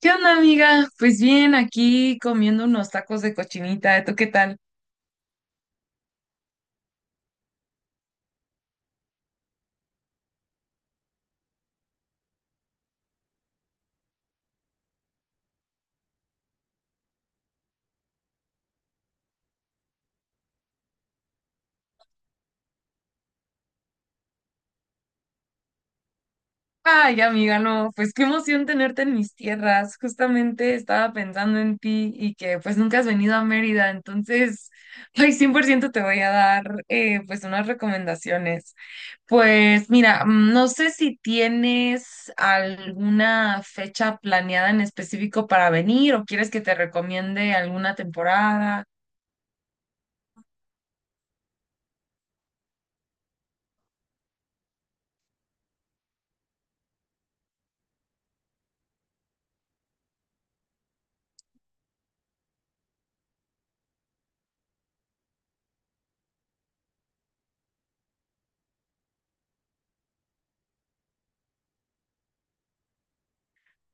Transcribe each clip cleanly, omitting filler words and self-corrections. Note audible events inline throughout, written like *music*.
¿Qué onda, amiga? Pues bien, aquí comiendo unos tacos de cochinita. ¿Tú qué tal? Ay, amiga, no, pues qué emoción tenerte en mis tierras. Justamente estaba pensando en ti y que pues nunca has venido a Mérida, entonces, *laughs* ay, 100% te voy a dar pues unas recomendaciones. Pues mira, no sé si tienes alguna fecha planeada en específico para venir o quieres que te recomiende alguna temporada.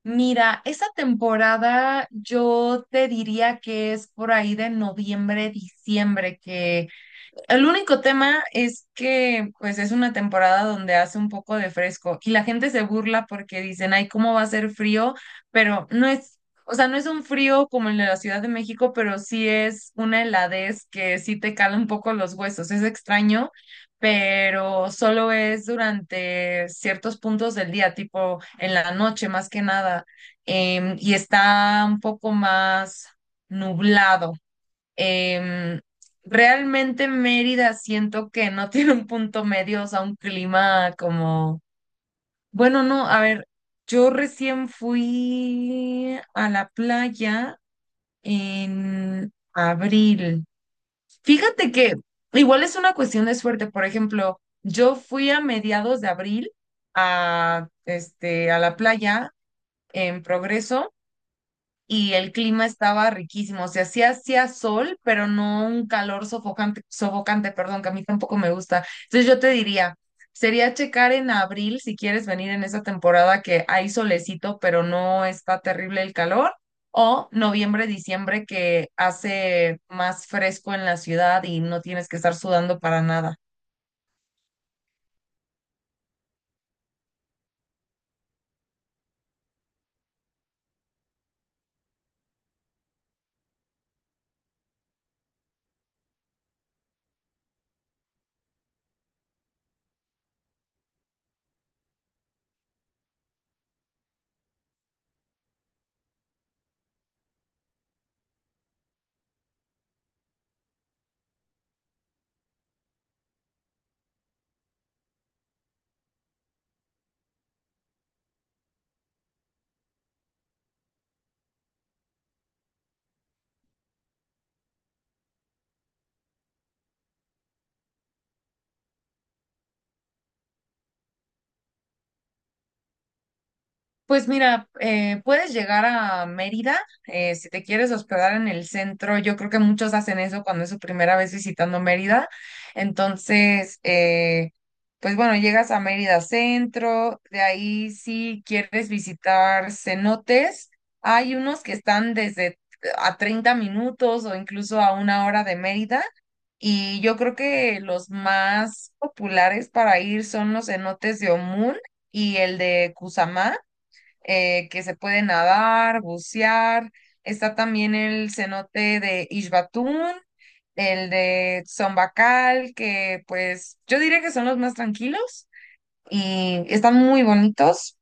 Mira, esa temporada yo te diría que es por ahí de noviembre, diciembre, que el único tema es que pues es una temporada donde hace un poco de fresco y la gente se burla porque dicen, ay, ¿cómo va a ser frío? Pero no es, o sea, no es un frío como el de la Ciudad de México, pero sí es una heladez que sí te cala un poco los huesos. Es extraño, pero solo es durante ciertos puntos del día, tipo en la noche más que nada, y está un poco más nublado. Em, realmente Mérida siento que no *laughs* tiene un punto medio, o sea, un clima como, bueno, no, a ver, yo recién fui a la playa en abril. Fíjate que igual es una cuestión de suerte, por ejemplo, yo fui a mediados de abril a, a la playa en Progreso y el clima estaba riquísimo. O sea, sí hacía sol, pero no un calor sofocante, perdón, que a mí tampoco me gusta. Entonces yo te diría, sería checar en abril si quieres venir en esa temporada que hay solecito, pero no está terrible el calor, o noviembre, diciembre que hace más fresco en la ciudad y no tienes que estar sudando para nada. Pues mira, puedes llegar a Mérida si te quieres hospedar en el centro. Yo creo que muchos hacen eso cuando es su primera vez visitando Mérida. Entonces, pues bueno, llegas a Mérida Centro. De ahí, si quieres visitar cenotes, hay unos que están desde a 30 minutos o incluso a una hora de Mérida. Y yo creo que los más populares para ir son los cenotes de Omún y el de Cusamá que se puede nadar, bucear. Está también el cenote de Ixbatún, el de Zombacal, que pues yo diría que son los más tranquilos y están muy bonitos.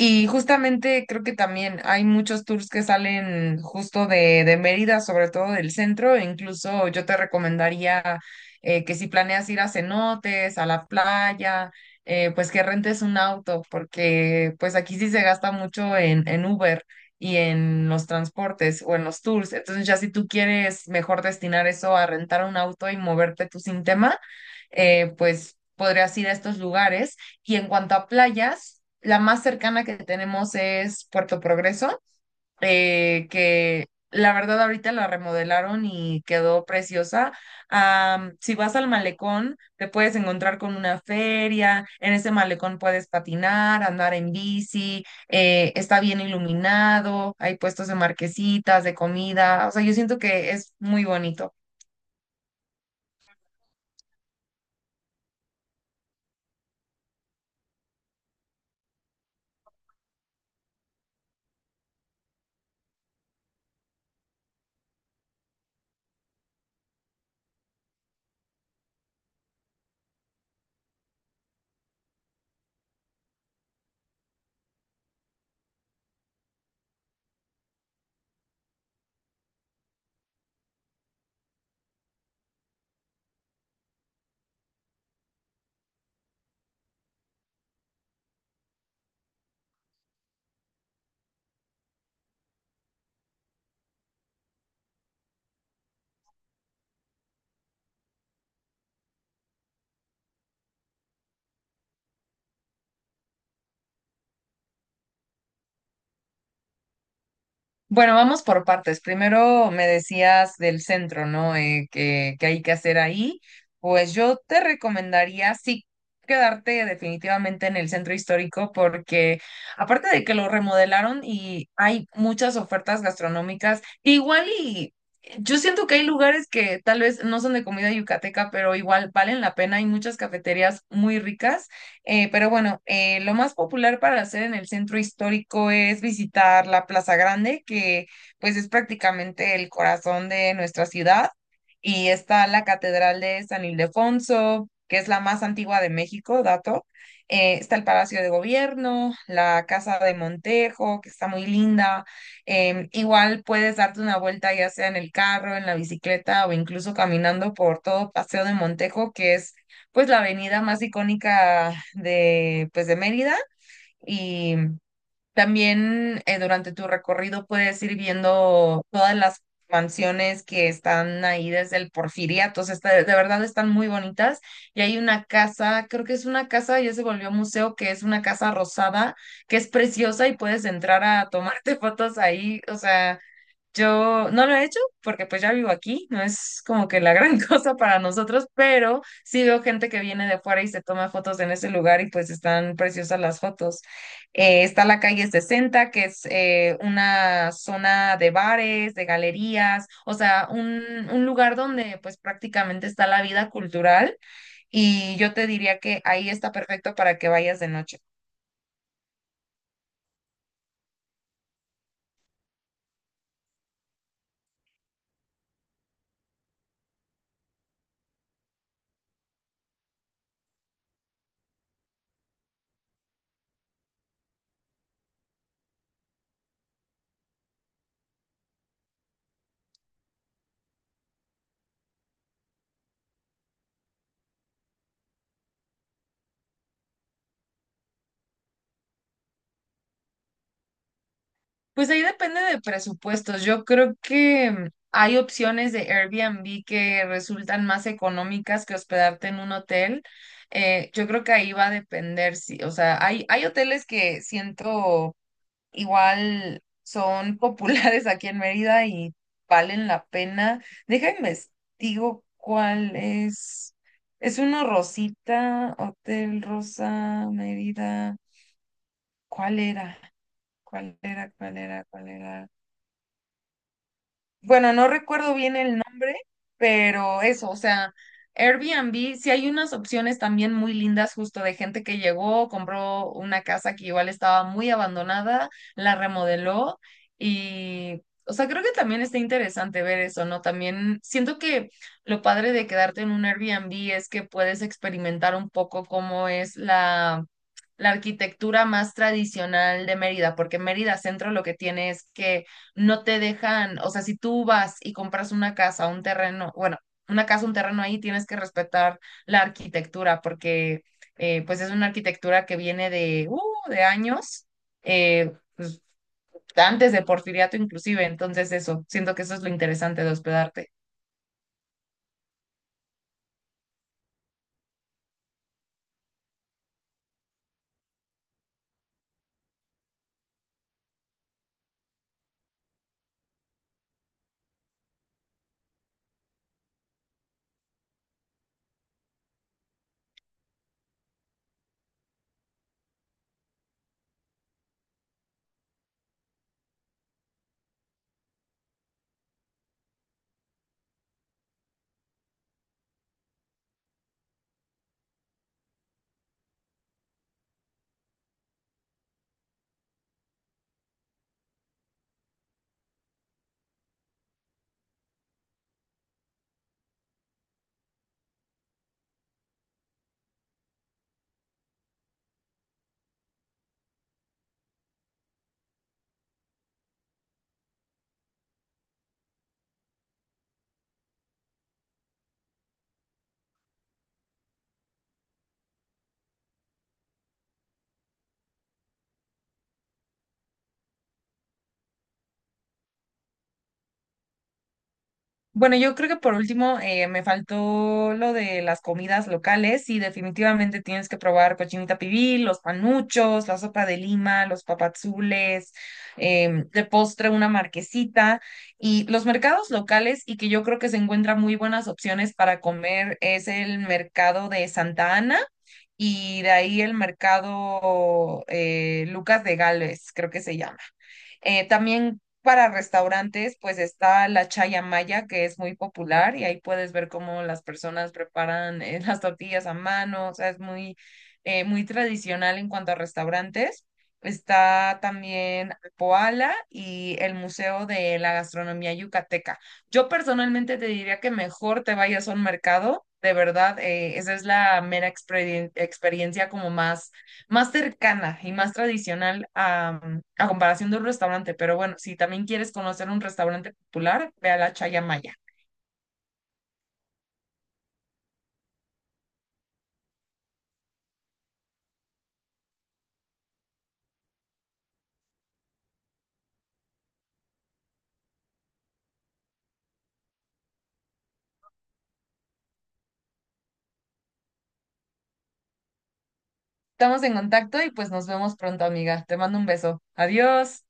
Y justamente creo que también hay muchos tours que salen justo de Mérida, sobre todo del centro. E incluso yo te recomendaría que si planeas ir a cenotes, a la playa, pues que rentes un auto, porque pues aquí sí se gasta mucho en Uber y en los transportes o en los tours. Entonces ya si tú quieres mejor destinar eso a rentar un auto y moverte tú sin tema, pues podrías ir a estos lugares y en cuanto a playas, la más cercana que tenemos es Puerto Progreso, que la verdad ahorita la remodelaron y quedó preciosa. Si vas al malecón, te puedes encontrar con una feria, en ese malecón puedes patinar, andar en bici, está bien iluminado, hay puestos de marquesitas, de comida, o sea, yo siento que es muy bonito. Bueno, vamos por partes. Primero me decías del centro, ¿no? Que hay que hacer ahí. Pues yo te recomendaría sí quedarte definitivamente en el centro histórico porque aparte de que lo remodelaron y hay muchas ofertas gastronómicas, igual y yo siento que hay lugares que tal vez no son de comida yucateca, pero igual valen la pena. Hay muchas cafeterías muy ricas. Pero bueno, lo más popular para hacer en el centro histórico es visitar la Plaza Grande, que pues es prácticamente el corazón de nuestra ciudad. Y está la Catedral de San Ildefonso, que es la más antigua de México, dato. Está el Palacio de Gobierno, la Casa de Montejo, que está muy linda. Igual puedes darte una vuelta ya sea en el carro, en la bicicleta o incluso caminando por todo Paseo de Montejo, que es pues la avenida más icónica de, pues, de Mérida y también durante tu recorrido puedes ir viendo todas las mansiones que están ahí desde el Porfiriato, o sea, de verdad están muy bonitas y hay una casa, creo que es una casa, ya se volvió museo, que es una casa rosada, que es preciosa y puedes entrar a tomarte *laughs* fotos ahí, o sea. Yo no lo he hecho porque pues ya vivo aquí, no es como que la gran *laughs* cosa para nosotros, pero sí veo gente que viene de fuera y se toma fotos en ese lugar y pues están preciosas las fotos. Está la calle 60 que es una zona de bares, de galerías, o sea, un lugar donde pues prácticamente está la vida cultural y yo te diría que ahí está perfecto para que vayas de noche. Pues ahí depende de presupuestos. Yo creo que hay opciones de Airbnb que resultan más económicas que hospedarte en un hotel. Yo creo que ahí va a depender, si O sea, hay hoteles que siento igual son *laughs* populares aquí en Mérida y valen la pena. Déjame digo cuál es. Es uno Rosita, Hotel Rosa, Mérida. ¿Cuál era? ¿Cuál era? Bueno, no recuerdo bien el nombre, pero eso, o sea, Airbnb, sí hay unas opciones también muy lindas justo de gente que llegó, compró una casa que igual estaba muy abandonada, la remodeló y, o sea, creo que también está interesante ver eso, ¿no? También siento que lo padre de quedarte en un Airbnb es que puedes experimentar un poco cómo es la, la arquitectura más tradicional de Mérida, porque Mérida Centro lo que tiene es que no te dejan, o sea, si tú vas y compras una casa, un terreno, bueno, una casa, un terreno ahí, tienes que respetar la arquitectura porque pues es una arquitectura que viene de años, pues, antes de Porfiriato inclusive, entonces eso, siento que eso es lo interesante de hospedarte. Bueno, yo creo que por último me faltó lo de las comidas locales y definitivamente tienes que probar cochinita pibil, los panuchos, la sopa de lima, los papazules, de postre una marquesita y los mercados locales y que yo creo que se encuentran muy buenas opciones para comer es el mercado de Santa Ana y de ahí el mercado Lucas de Gálvez, creo que se llama. También para restaurantes, pues está la Chaya Maya, que es muy popular, y ahí puedes ver cómo las personas preparan *laughs* las tortillas a mano, o sea, es muy, muy tradicional en cuanto a restaurantes. Está también Poala y el Museo de la Gastronomía Yucateca. Yo personalmente te diría que mejor te vayas a un mercado, de verdad, esa es la mera experiencia como más más cercana y más tradicional a comparación de un restaurante. Pero bueno, si también quieres conocer un restaurante popular, ve a la Chaya Maya. Estamos en contacto y pues nos vemos pronto, amiga. Te mando un beso. Adiós.